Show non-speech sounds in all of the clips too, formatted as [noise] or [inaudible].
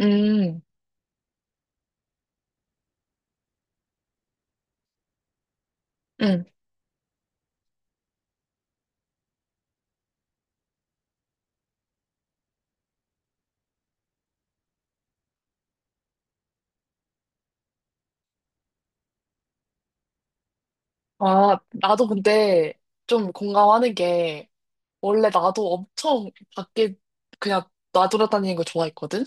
음, 음. 아, 나도 근데 좀 공감하는 게, 원래 나도 엄청 밖에 그냥 나돌아다니는 거 좋아했거든?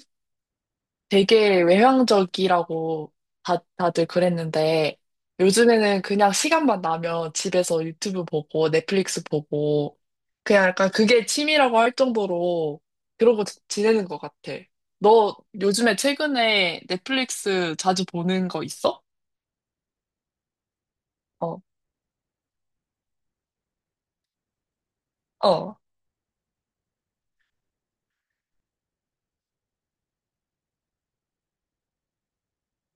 되게 외향적이라고 다들 그랬는데, 요즘에는 그냥 시간만 나면 집에서 유튜브 보고, 넷플릭스 보고, 그냥 약간 그게 취미라고 할 정도로 그러고 지내는 것 같아. 너 요즘에 최근에 넷플릭스 자주 보는 거 있어? 어, 어,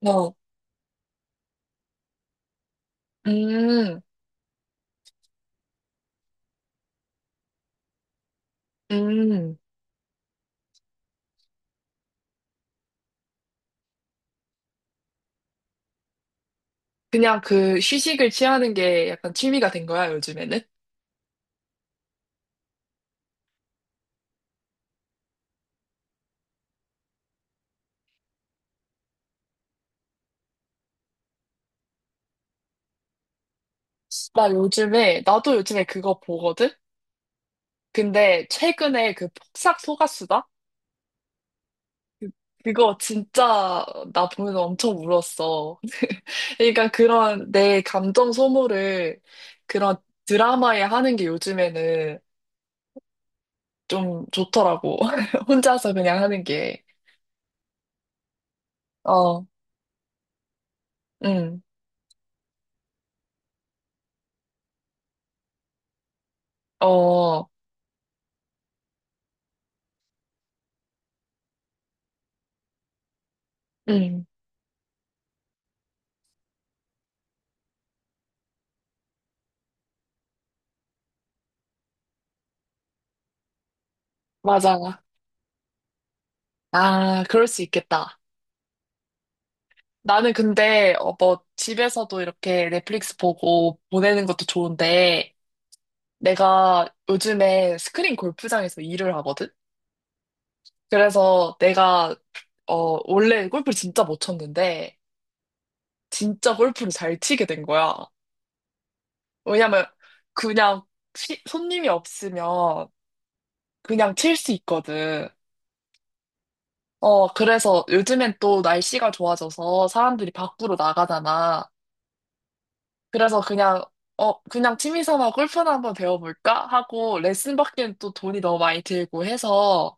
어. 음, 음, 그냥 그 휴식을 취하는 게 약간 취미가 된 거야, 요즘에는? 나 요즘에, 나도 요즘에 그거 보거든? 근데 최근에 그 폭삭 소가수다? 그거 진짜 나 보면서 엄청 울었어. [laughs] 그러니까 그런 내 감정 소모를 그런 드라마에 하는 게 요즘에는 좀 좋더라고. [laughs] 혼자서 그냥 하는 게. 어, 응, 어, 응, 맞아. 아, 그럴 수 있겠다. 나는 근데 뭐 집에서도 이렇게 넷플릭스 보고 보내는 것도 좋은데 내가 요즘에 스크린 골프장에서 일을 하거든? 그래서 내가 원래 골프 진짜 못 쳤는데 진짜 골프를 잘 치게 된 거야. 왜냐면 그냥 손님이 없으면 그냥 칠 수 있거든. 그래서 요즘엔 또 날씨가 좋아져서 사람들이 밖으로 나가잖아. 그래서 그냥, 그냥 취미 삼아 골프나 한번 배워볼까? 하고 레슨 받기엔 또 돈이 너무 많이 들고 해서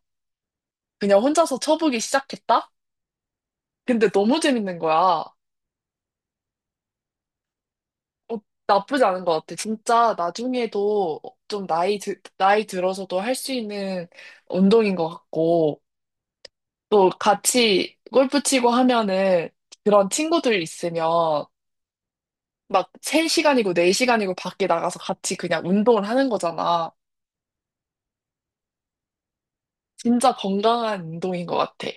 그냥 혼자서 쳐보기 시작했다? 근데 너무 재밌는 거야. 어, 나쁘지 않은 것 같아. 진짜 나중에도 좀 나이 들어서도 할 수 있는 운동인 것 같고 또 같이 골프 치고 하면은 그런 친구들 있으면 막 3시간이고 4시간이고 밖에 나가서 같이 그냥 운동을 하는 거잖아. 진짜 건강한 운동인 것 같아.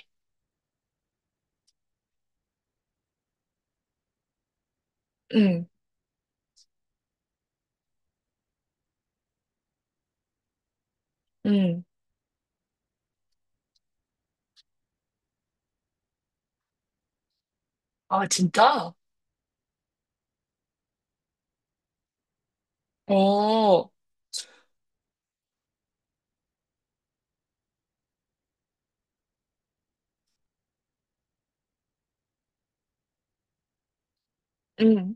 응, 응. 아, 진짜? 어, 응.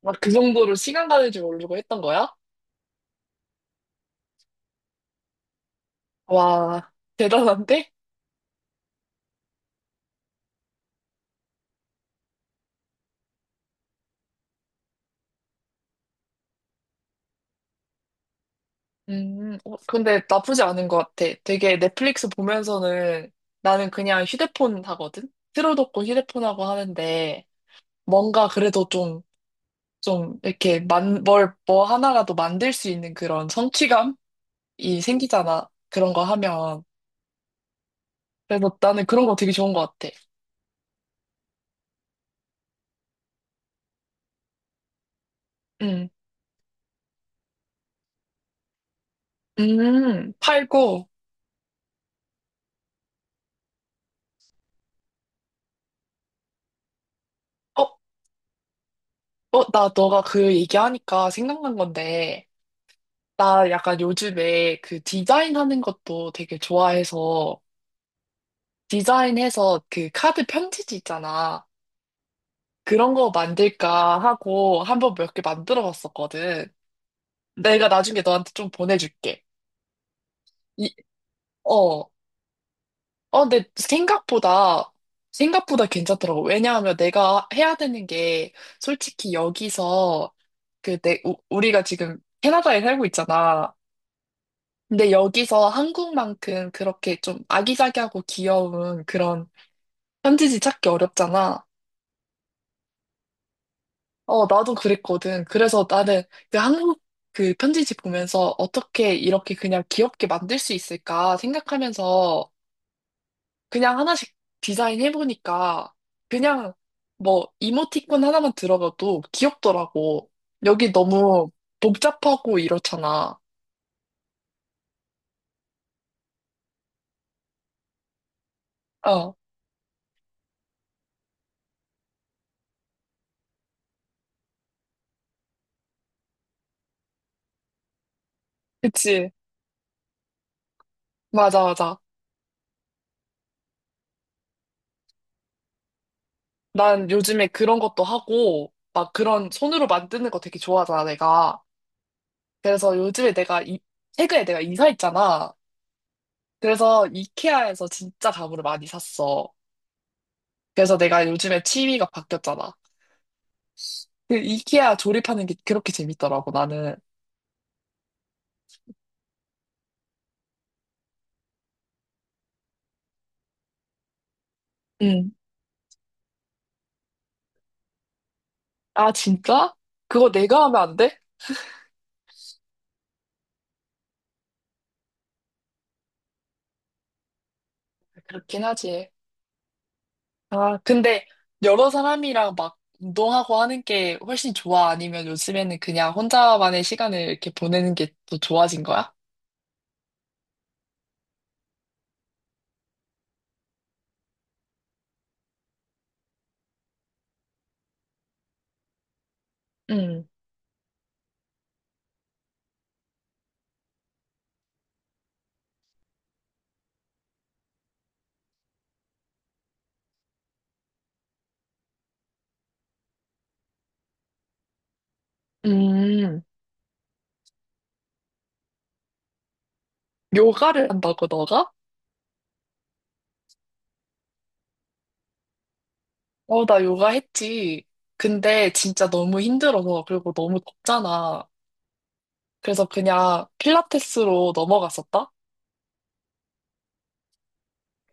막 그 정도로 시간 가는 줄 모르고 했던 거야? 와, 대단한데? 근데 나쁘지 않은 것 같아. 되게 넷플릭스 보면서는 나는 그냥 휴대폰 하거든? 틀어놓고 휴대폰 하고 하는데 뭔가 그래도 좀, 좀 이렇게 뭐 하나라도 만들 수 있는 그런 성취감이 생기잖아. 그런 거 하면. 그래서 나는 그런 거 되게 좋은 것 같아. 음, 팔고, 어, 어, 나 너가 그 얘기하니까 생각난 건데, 나 약간 요즘에 그 디자인 하는 것도 되게 좋아해서, 디자인해서 그 카드 편지지 있잖아. 그런 거 만들까 하고 한번 몇 개 만들어 봤었거든. 내가 나중에 너한테 좀 보내줄게. 이, 어, 어, 근데 생각보다 괜찮더라고. 왜냐하면 내가 해야 되는 게, 솔직히 여기서, 우리가 지금 캐나다에 살고 있잖아. 근데 여기서 한국만큼 그렇게 좀 아기자기하고 귀여운 그런 편지지 찾기 어렵잖아. 어, 나도 그랬거든. 그래서 나는 그 한국 그 편지지 보면서 어떻게 이렇게 그냥 귀엽게 만들 수 있을까 생각하면서 그냥 하나씩 디자인해보니까 그냥 뭐 이모티콘 하나만 들어가도 귀엽더라고. 여기 너무 복잡하고 이렇잖아. 어, 그치. 맞아, 맞아. 난 요즘에 그런 것도 하고, 막 그런 손으로 만드는 거 되게 좋아하잖아, 내가. 그래서 요즘에 최근에 내가 이사했잖아. 그래서 이케아에서 진짜 가구를 많이 샀어. 그래서 내가 요즘에 취미가 바뀌었잖아. 그 이케아 조립하는 게 그렇게 재밌더라고, 나는. 응. 아, 진짜? 그거 내가 하면 안 돼? 그렇긴 하지. 아, 근데 여러 사람이랑 막 운동하고 하는 게 훨씬 좋아? 아니면 요즘에는 그냥 혼자만의 시간을 이렇게 보내는 게 더 좋아진 거야? 응 음, 요가를 한다고, 너가? 어, 나 요가 했지. 근데 진짜 너무 힘들어서, 그리고 너무 덥잖아. 그래서 그냥 필라테스로 넘어갔었다?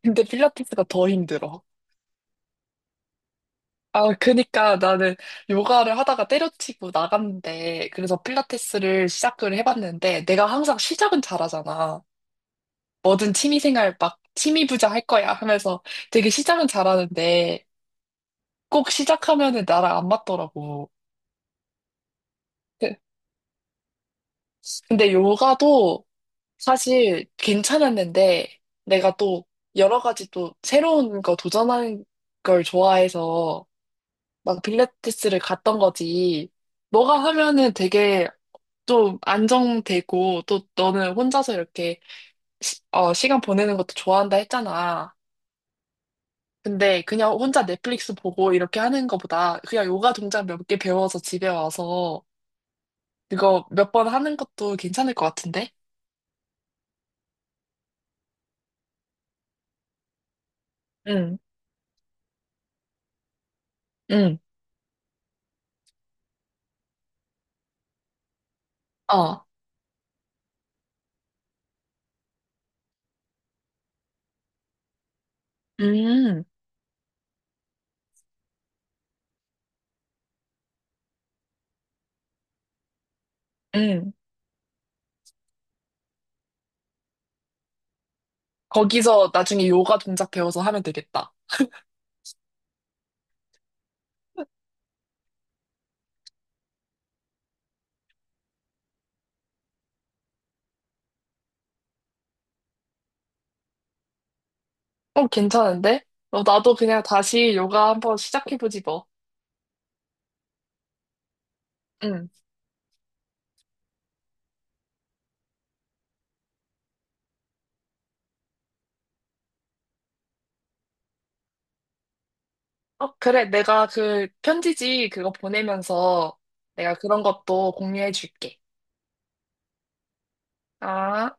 근데 필라테스가 더 힘들어. 아, 그니까 나는 요가를 하다가 때려치고 나갔는데, 그래서 필라테스를 시작을 해봤는데, 내가 항상 시작은 잘하잖아. 뭐든 취미생활 막 취미부자 할 거야 하면서 되게 시작은 잘하는데, 꼭 시작하면은 나랑 안 맞더라고. 근데 요가도 사실 괜찮았는데 내가 또 여러 가지 또 새로운 거 도전하는 걸 좋아해서 막 필라테스를 갔던 거지. 너가 하면은 되게 좀 안정되고 또 너는 혼자서 이렇게 시간 보내는 것도 좋아한다 했잖아. 근데 그냥 혼자 넷플릭스 보고 이렇게 하는 거보다 그냥 요가 동작 몇 개 배워서 집에 와서 그거 몇 번 하는 것도 괜찮을 것 같은데? 응, 응, 어. 음, 음. 거기서 나중에 요가 동작 배워서 하면 되겠다. 어, 괜찮은데? 어, 나도 그냥 다시 요가 한번 시작해보지 뭐. 응. 어, 그래. 내가 그 편지지 그거 보내면서 내가 그런 것도 공유해줄게. 아.